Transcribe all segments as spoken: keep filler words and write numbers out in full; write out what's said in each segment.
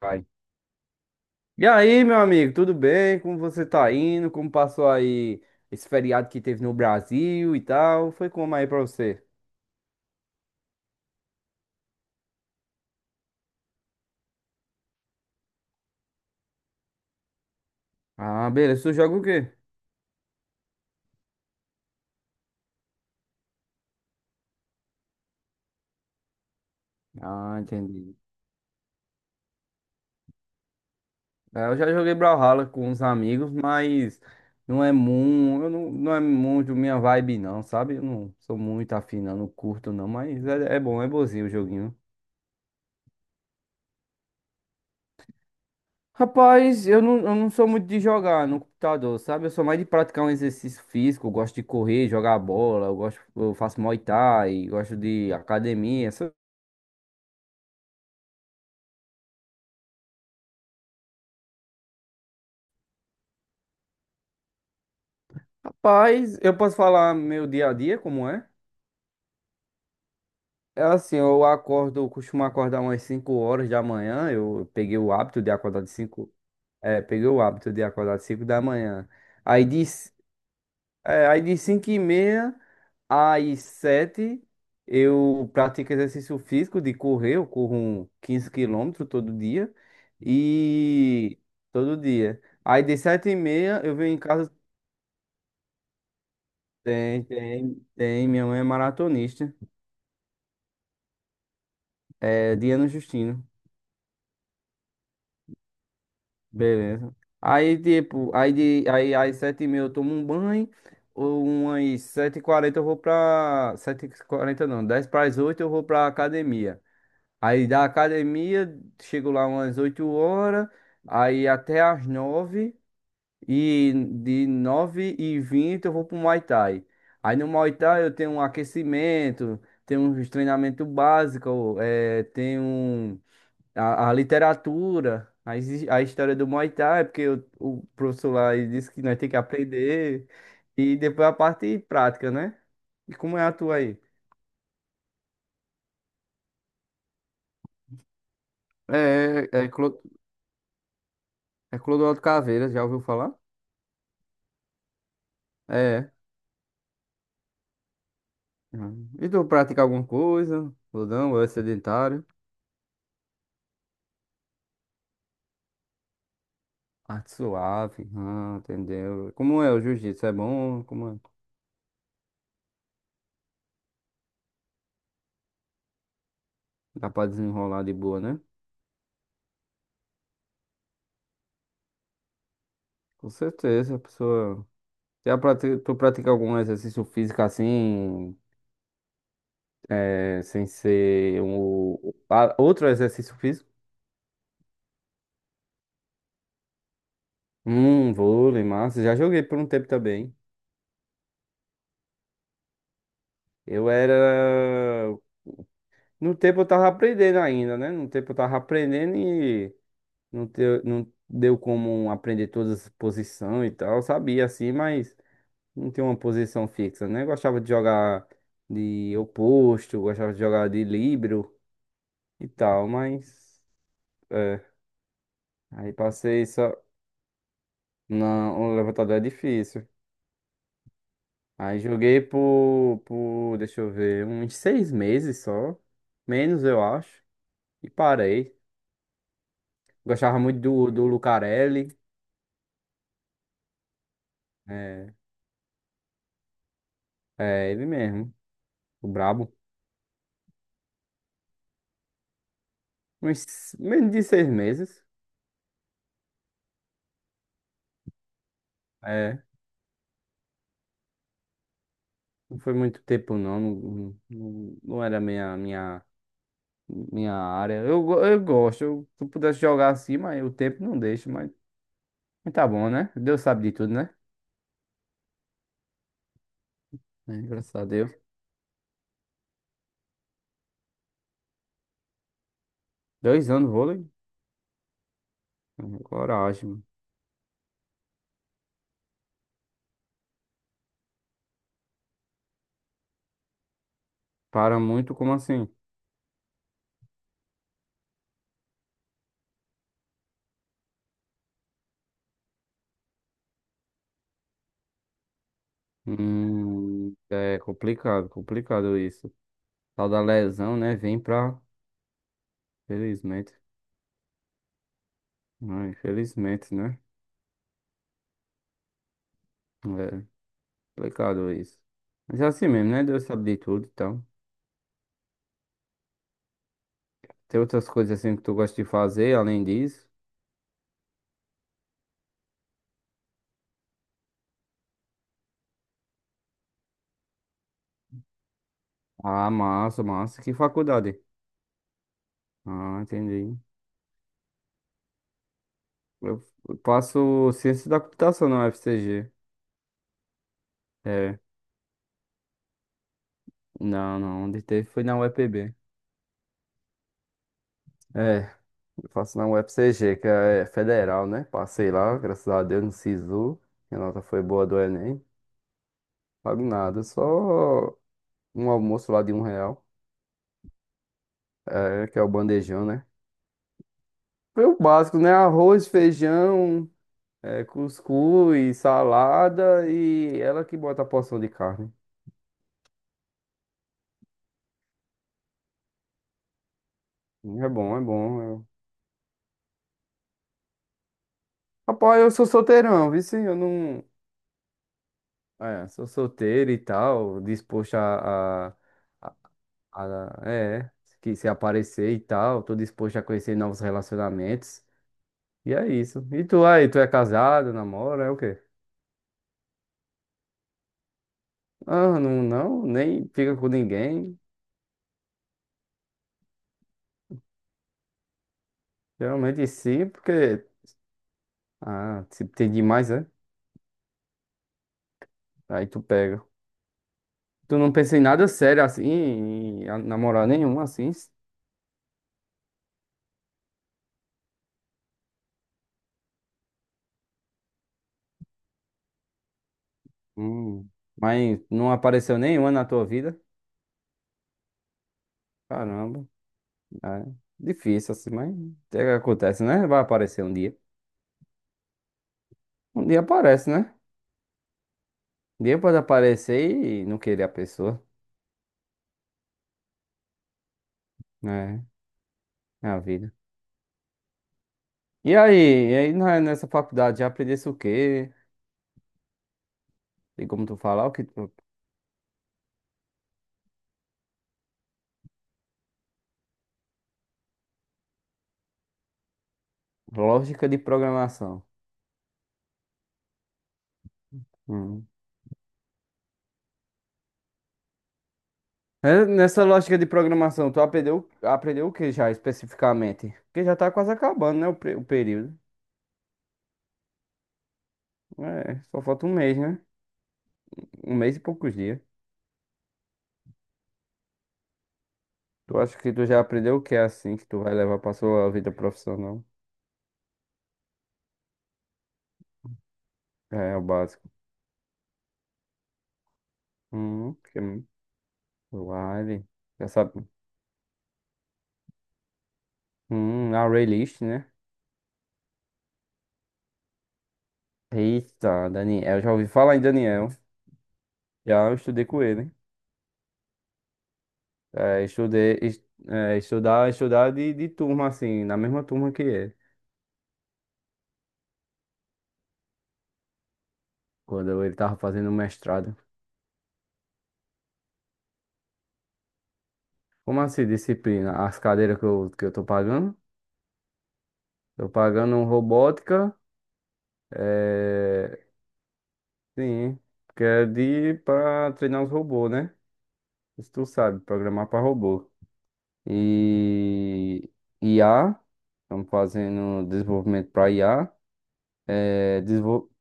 Vai. E aí, meu amigo, tudo bem? Como você tá indo? Como passou aí esse feriado que teve no Brasil e tal? Foi como aí pra você? Ah, beleza. Tu joga o quê? Ah, entendi. É, eu já joguei Brawlhalla com uns amigos, mas não é muito, eu não, não é muito minha vibe, não, sabe? Eu não sou muito afim, não, não curto, não, mas é, é bom, é bonzinho o joguinho. Rapaz, eu não, eu não sou muito de jogar no computador, sabe? Eu sou mais de praticar um exercício físico, eu gosto de correr, jogar bola, eu gosto, eu faço Muay Thai, gosto de academia. essa- Rapaz, eu posso falar meu dia a dia, como é? É assim, eu acordo, eu costumo acordar umas cinco horas da manhã, eu peguei o hábito de acordar de cinco. É, peguei o hábito de acordar de cinco da manhã. Aí de, c- é, aí de cinco e meia às sete, eu pratico exercício físico de correr, eu corro um quinze quilômetros todo dia. E todo dia. Aí de sete e meia eu venho em casa. Tem, tem, tem, minha mãe é maratonista. É Diana Justino. Beleza. Aí, tipo, aí, de, aí às sete e meia eu tomo um banho. Ou umas sete e quarenta eu vou pra, sete e quarenta não, dez para as oito eu vou pra academia. Aí da academia, chego lá umas oito horas, aí até às nove e de nove e vinte eu vou pro Muay Thai. Aí no Muay Thai eu tenho um aquecimento, tenho um treinamento básico, eh, tenho a, a literatura, a, exi- a história do Muay Thai, porque eu- o professor lá ele disse que nós temos que aprender, e depois a parte prática, né? E como é a tua aí? É, é, é, Clo- é Clodoaldo Caveira, já ouviu falar? É. Ah. E tu pratica alguma coisa? Ou não? Ou é sedentário? Arte suave. Ah, entendeu. Como é o jiu-jitsu? É bom? Como é? Dá pra desenrolar de boa, né? Com certeza, a pessoa. Já prati- tu pratica algum exercício físico assim, é, sem ser um, a- outro exercício físico? Hum, vôlei, massa. Já joguei por um tempo também. Eu era. No tempo eu tava aprendendo ainda, né? No tempo eu tava aprendendo e Não teu- não deu como aprender todas as posições e tal. Eu sabia assim, mas não tinha uma posição fixa, né? Eu gostava de jogar de oposto, eu gostava de jogar de líbero e tal, mas, é, aí passei só. Não, um levantador é difícil. Aí joguei por, por, deixa eu ver, uns seis meses só, menos eu acho, e parei. Gostava muito do, do Lucarelli, é, é ele mesmo, o brabo. Uns menos de seis meses. É. Não foi muito tempo, não. Não, não, não era minha, minha, minha área. Eu, go- eu gosto. Eu, se eu pudesse jogar assim, mas o tempo não deixa. Mas, mas tá bom, né? Deus sabe de tudo, né? É, graças a Deus. Dois anos vôlei? É, coragem, mano. Para muito, como assim? Hum, é complicado, complicado isso. Tal da lesão, né? Vem pra. Felizmente. Ah, infelizmente, né? É. Complicado isso. Mas é assim mesmo, né? Deus sabe de tudo, então. Tem outras coisas assim que tu gosta de fazer além disso? Ah, massa, massa. Que faculdade? Ah, entendi. Eu eu faço ciência da computação na U F C G. É, não, não. Onde teve foi na U E P B. É, eu faço na U F C G, que é federal, né? Passei lá, graças a Deus, no SISU. Minha nota foi boa do Enem. Pago nada, só um almoço lá de um real. É, que é o bandejão, né? Foi o básico, né? Arroz, feijão, é, cuscuz, salada e ela que bota a porção de carne. É bom, é bom. Eu... Rapaz, eu sou solteirão, viu? Sim? Eu não. É, sou solteiro e tal, disposto a, a, a- a- É, que se aparecer e tal, tô disposto a conhecer novos relacionamentos. E é isso. E tu aí, tu é casado, namora, é o quê? Ah, não, não, nem fica com ninguém. Geralmente sim, porque. Ah, se tem demais, é? Aí tu pega. Tu não pensa em nada sério assim, em a- namorar nenhum assim, Hum, mas não apareceu nenhuma na tua vida? Caramba, é difícil assim, mas é que acontece, né? Vai aparecer um dia. Um dia aparece, né? Um dia pode aparecer e não querer a pessoa, né? É a vida. E aí, e aí na- nessa faculdade já aprendesse o quê? E como tu falar, o que tu- Lógica de programação. Hum. É, nessa lógica de programação, tu aprendeu, aprendeu o que já especificamente? Porque já tá quase acabando, né? O, pre- o período. É, só falta um mês, né? Um mês e poucos dias. Tu acha que tu já aprendeu o que é assim que tu vai levar pra sua vida profissional? É, é o básico. Hum, que... Wire. Já sabe. Hum, a Raylist, né? Eita, Daniel. Já ouvi falar em Daniel. Já eu estudei com ele. É, estudei, est- é, estudar, estudar, de, de turma, assim, na mesma turma que ele. Quando ele tava fazendo o mestrado. Como assim, disciplina? As cadeiras que eu, que eu tô pagando? Tô pagando robótica, é... sim, que é de para treinar os robôs, né? Isso tu sabe, programar para robô. E I A, estamos fazendo desenvolvimento para I A. É, desenvol...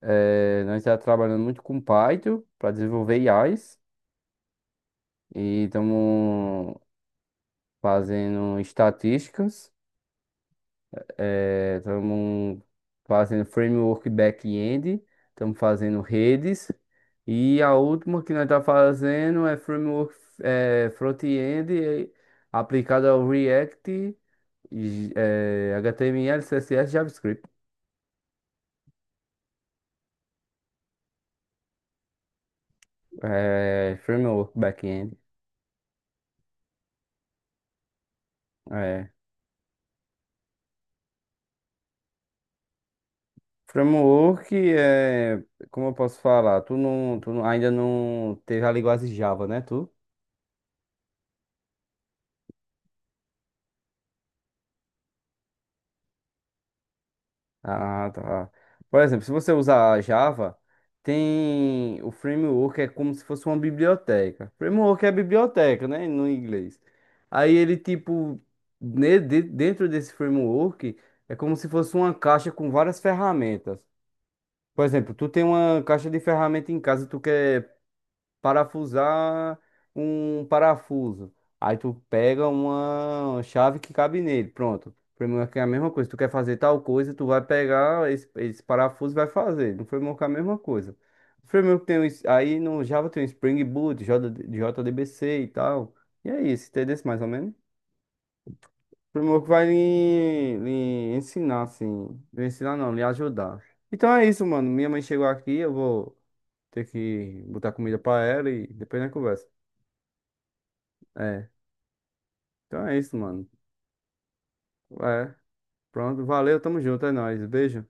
é, Nós estamos trabalhando muito com Python para desenvolver I As e estamos fazendo estatísticas. Estamos fazendo framework back-end, estamos fazendo redes. E a última que nós estamos fazendo é framework eh, front-end eh, aplicado ao React, e, eh, H T M L, C S S, JavaScript. Eh, framework back-end. É. Framework é, como eu posso falar, tu não, tu não- ainda não teve a linguagem Java, né, tu? Ah, tá. Por exemplo, se você usar Java, tem o framework, é como se fosse uma biblioteca. Framework é biblioteca, né? No inglês. Aí ele, tipo, ne- de- dentro desse framework, é como se fosse uma caixa com várias ferramentas. Por exemplo, tu tem uma caixa de ferramenta em casa, tu quer parafusar um parafuso. Aí tu pega uma chave que cabe nele. Pronto. Framework é a mesma coisa. Tu quer fazer tal coisa, tu vai pegar esse, esse parafuso e vai fazer. No framework é a mesma coisa. O framework tem um, es- aí no Java tem o Spring Boot, J- JDBC e tal. E é isso, entendeu? Mais ou menos. O framework vai lhe, lhe ensinar, assim. Lhe ensinar não, lhe ajudar. Então é isso, mano. Minha mãe chegou aqui, eu vou ter que botar comida pra ela e depois a gente conversa. É. Então é isso, mano. É. Pronto, valeu, tamo junto, é nóis. Beijo,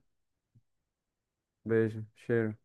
beijo, cheiro.